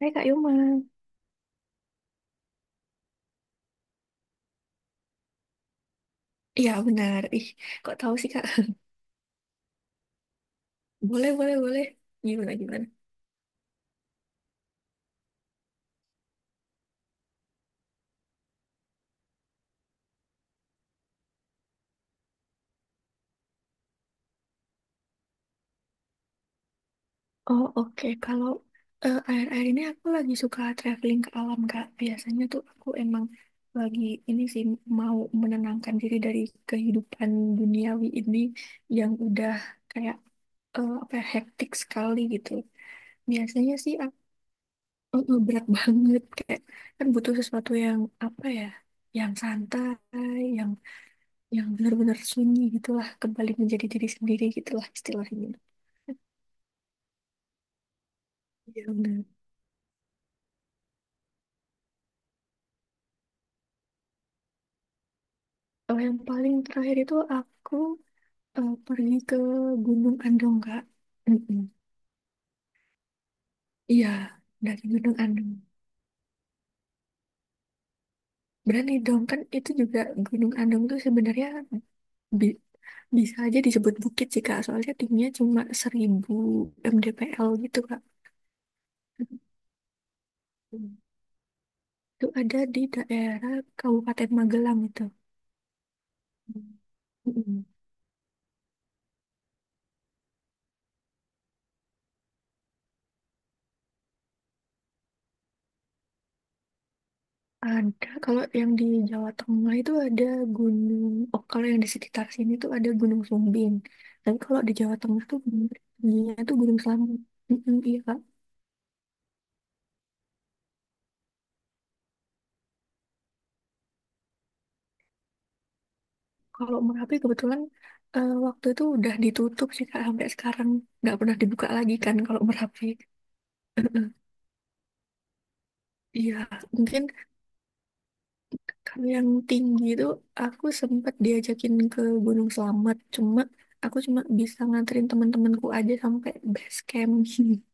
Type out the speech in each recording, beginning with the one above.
Hai Kak Yuma. Iya, benar. Ih, kok tahu sih, Kak? Boleh, boleh, boleh. Gimana, gimana? Oh, oke. Kalau akhir-akhir ini aku lagi suka traveling ke alam, Kak. Biasanya tuh aku emang lagi ini sih mau menenangkan diri dari kehidupan duniawi ini yang udah kayak apa ya, hektik sekali gitu. Biasanya sih aku berat banget, kayak kan butuh sesuatu yang apa ya, yang santai, yang benar-benar sunyi gitulah, kembali menjadi diri sendiri gitulah istilahnya. Iya. Oh, yang paling terakhir itu aku pergi ke Gunung Andong, Kak. Mm-mm. Iya, dari Gunung Andong berani dong, kan itu juga Gunung Andong tuh sebenarnya bi- bisa aja disebut bukit sih, Kak, soalnya tingginya cuma 1.000 mdpl gitu, Kak. Mm-mm. Itu ada di daerah Kabupaten Magelang itu. Mm-mm. Ada, kalau yang di Jawa Tengah itu ada gunung, oh, kalau yang di sekitar sini tuh ada Gunung Sumbing. Tapi kalau di Jawa Tengah tuh gunung tingginya tuh Gunung Slamet. Mm-mm, iya, Kak. Kalau Merapi kebetulan waktu itu udah ditutup sih, Kak, sampai sekarang nggak pernah dibuka lagi kan kalau Merapi. Iya, mungkin kalau yang tinggi itu aku sempat diajakin ke Gunung Slamet, cuma aku cuma bisa nganterin teman-temanku aja sampai base camp.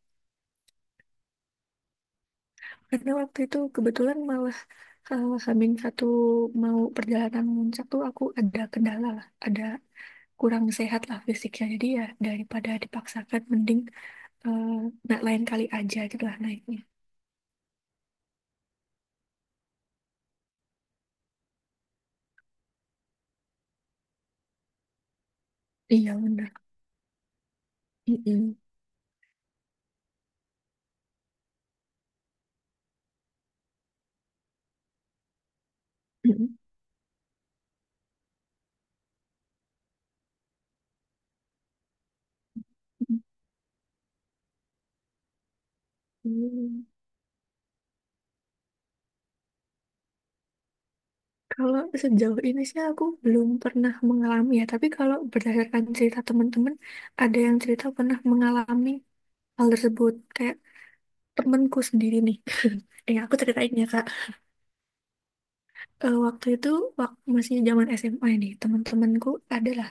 Karena waktu itu kebetulan malah Hamin satu mau perjalanan muncak tuh aku ada kendala lah, ada kurang sehat lah fisiknya. Jadi ya daripada dipaksakan mending, eh, nah lain kali aja gitu lah naiknya. Iya, benar. Mm-mm. Mm-mm. Mm. Kalau sejauh ini sih aku belum pernah mengalami ya, tapi kalau berdasarkan cerita teman-teman, ada yang cerita pernah mengalami hal tersebut. Kayak temanku sendiri nih. Aku ceritain ya, Kak. Waktu itu masih zaman SMA nih teman-temanku adalah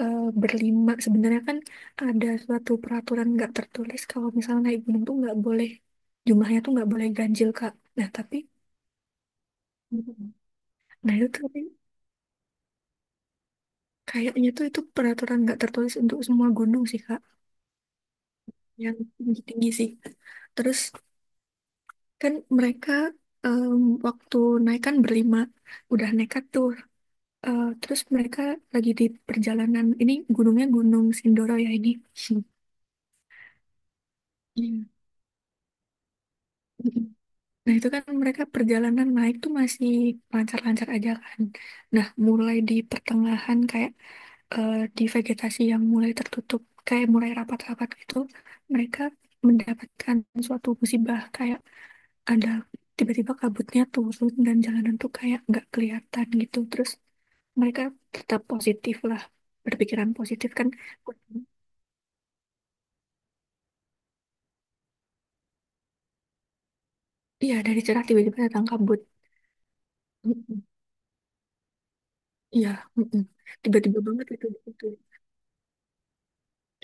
berlima. Sebenarnya kan ada suatu peraturan nggak tertulis kalau misalnya naik gunung tuh nggak boleh, jumlahnya tuh nggak boleh ganjil, Kak, nah tapi. Mhm. Nah, itu tapi kayaknya tuh itu peraturan nggak tertulis untuk semua gunung sih, Kak. Yang tinggi-tinggi sih. Terus kan mereka em, waktu naik kan berlima, udah nekat tuh. Terus mereka lagi di perjalanan, ini gunungnya Gunung Sindoro ya ini. Iya. Nah, itu kan mereka perjalanan naik tuh masih lancar-lancar aja kan. Nah, mulai di pertengahan kayak di vegetasi yang mulai tertutup, kayak mulai rapat-rapat gitu, mereka mendapatkan suatu musibah kayak ada tiba-tiba kabutnya turun dan jalanan tuh kayak nggak kelihatan gitu. Terus mereka tetap positif lah, berpikiran positif kan. Iya, dari cerah tiba-tiba datang kabut. Mm-mm. Iya, mm-mm. Tiba-tiba banget itu.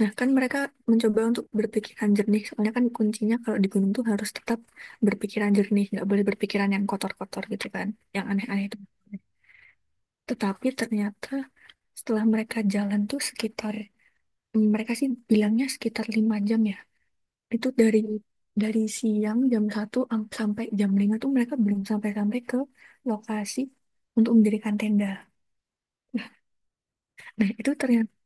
Nah, kan mereka mencoba untuk berpikiran jernih. Soalnya kan kuncinya kalau di gunung tuh harus tetap berpikiran jernih. Nggak boleh berpikiran yang kotor-kotor gitu kan. Yang aneh-aneh itu. Tetapi ternyata setelah mereka jalan tuh sekitar, mereka sih bilangnya sekitar 5 jam ya. Itu dari siang jam 1 sampai jam 5 tuh mereka belum sampai-sampai ke lokasi untuk mendirikan tenda. Nah, itu ternyata.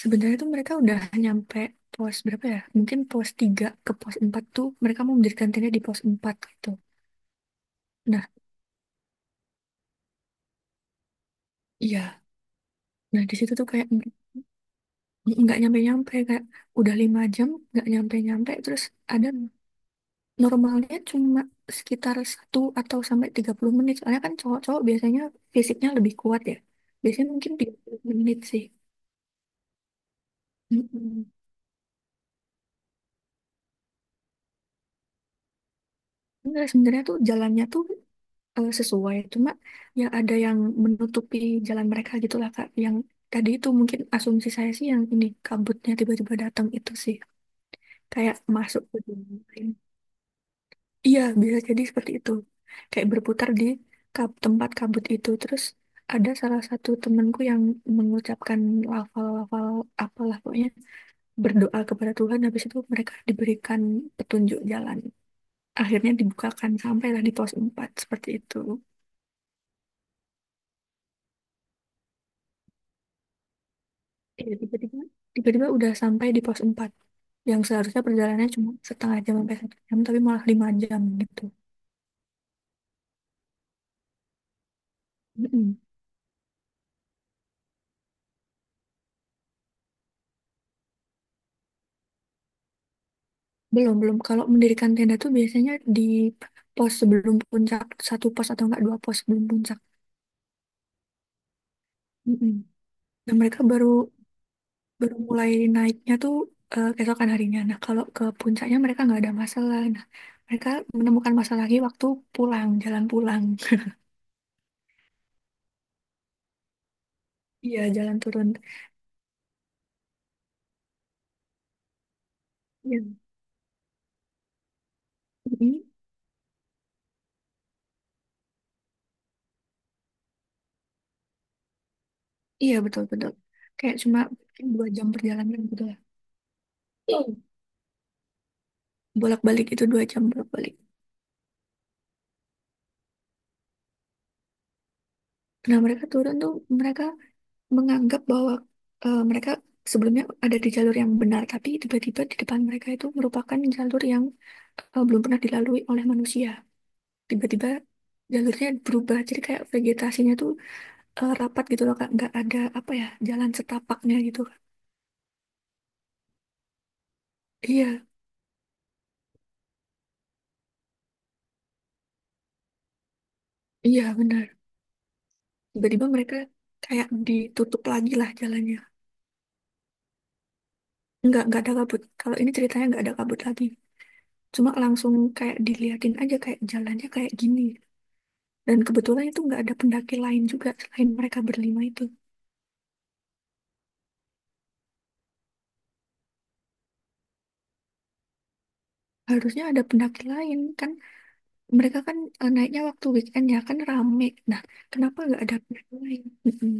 Sebenarnya tuh mereka udah nyampe pos berapa ya? Mungkin pos 3 ke pos 4 tuh mereka mau mendirikan tenda di pos empat gitu. Nah, iya. Nah, di situ tuh kayak nggak nyampe-nyampe. Kayak udah 5 jam nggak nyampe-nyampe. Terus ada, normalnya cuma sekitar satu atau sampai 30 menit. Soalnya kan cowok-cowok biasanya fisiknya lebih kuat ya. Biasanya mungkin 30 menit sih. Mm-mm. Enggak, sebenarnya tuh jalannya tuh sesuai. Cuma ya ada yang menutupi jalan mereka gitulah, Kak. Yang tadi itu mungkin asumsi saya sih, yang ini kabutnya tiba-tiba datang itu sih kayak masuk ke dunia lain. Iya, bisa jadi seperti itu. Kayak berputar di tempat kabut itu. Terus ada salah satu temanku yang mengucapkan lafal-lafal apalah pokoknya berdoa kepada Tuhan. Habis itu mereka diberikan petunjuk jalan. Akhirnya dibukakan, sampailah di pos 4 seperti itu. Iya, tiba-tiba udah sampai di pos 4 yang seharusnya perjalanannya cuma setengah jam sampai 1 jam, tapi malah 5 jam gitu. Mm-mm. Belum, belum, kalau mendirikan tenda tuh biasanya di pos sebelum puncak, satu pos atau enggak dua pos sebelum puncak. Mm-mm. Nah, mereka baru baru mulai naiknya tuh keesokan harinya. Nah, kalau ke puncaknya mereka nggak ada masalah. Nah, mereka menemukan masalah lagi waktu pulang, jalan pulang. Iya, jalan turun. Iya. Mm-mm. Iya, betul-betul. Kayak cuma 2 jam perjalanan gitu lah. Hmm. Bolak-balik itu 2 jam bolak-balik. Nah, mereka turun tuh mereka menganggap bahwa mereka sebelumnya ada di jalur yang benar, tapi tiba-tiba di depan mereka itu merupakan jalur yang belum pernah dilalui oleh manusia. Tiba-tiba jalurnya berubah, jadi kayak vegetasinya tuh rapat gitu loh, Kak. Nggak ada apa ya jalan setapaknya gitu. Iya, iya benar. Tiba-tiba mereka kayak ditutup lagi lah jalannya. Nggak ada kabut. Kalau ini ceritanya nggak ada kabut lagi. Cuma langsung kayak diliatin aja kayak jalannya kayak gini. Dan kebetulan itu nggak ada pendaki lain juga selain mereka berlima itu. Harusnya ada pendaki lain kan. Mereka kan naiknya waktu weekend ya kan rame. Nah, kenapa nggak ada pendaki lain? Mm-mm.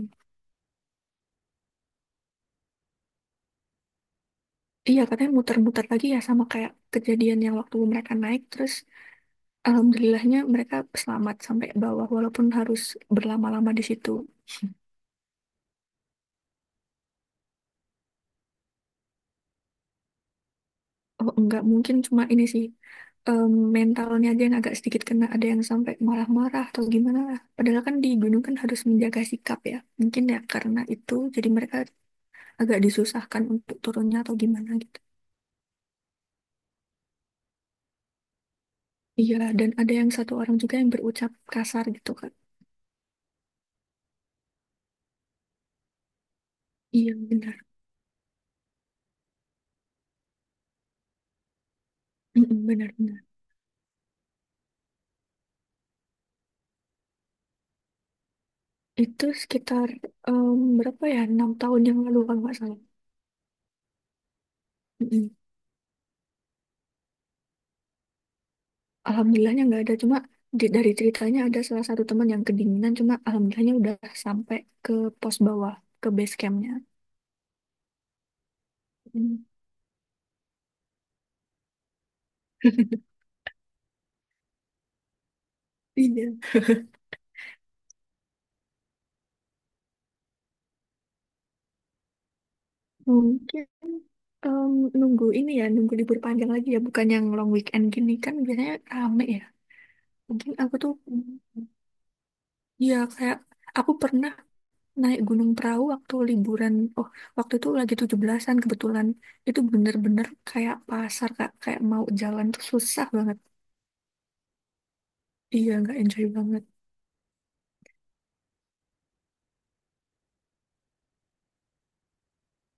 Iya, katanya muter-muter lagi ya sama kayak kejadian yang waktu mereka naik. Terus alhamdulillahnya mereka selamat sampai bawah walaupun harus berlama-lama di situ. Oh, nggak mungkin cuma ini sih, em, mentalnya aja yang agak sedikit kena, ada yang sampai marah-marah atau gimana lah. Padahal kan di gunung kan harus menjaga sikap ya. Mungkin ya karena itu jadi mereka agak disusahkan untuk turunnya atau gimana gitu. Iya, dan ada yang satu orang juga yang berucap kasar gitu kan. Iya, benar. Mm-mm, benar, benar. Itu sekitar, em, berapa ya? 6 tahun yang lalu kalau nggak salah. Mm-mm. Alhamdulillahnya nggak ada. Cuma dari ceritanya ada salah satu teman yang kedinginan. Cuma alhamdulillahnya udah sampai ke pos bawah, ke base campnya. Iya, mungkin em, nunggu ini ya, nunggu libur panjang lagi ya, bukan yang long weekend gini kan biasanya rame ya. Mungkin aku tuh, ya kayak aku pernah naik gunung perahu waktu liburan, oh, waktu itu lagi 17-an kebetulan. Itu bener-bener kayak pasar, Kak, kayak mau jalan tuh susah banget. Iya, nggak enjoy banget.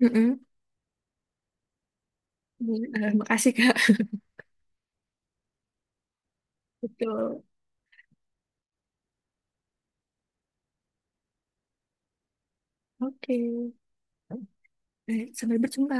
Mm-mm. Makasih, Kak. Betul. Oke. Sampai berjumpa.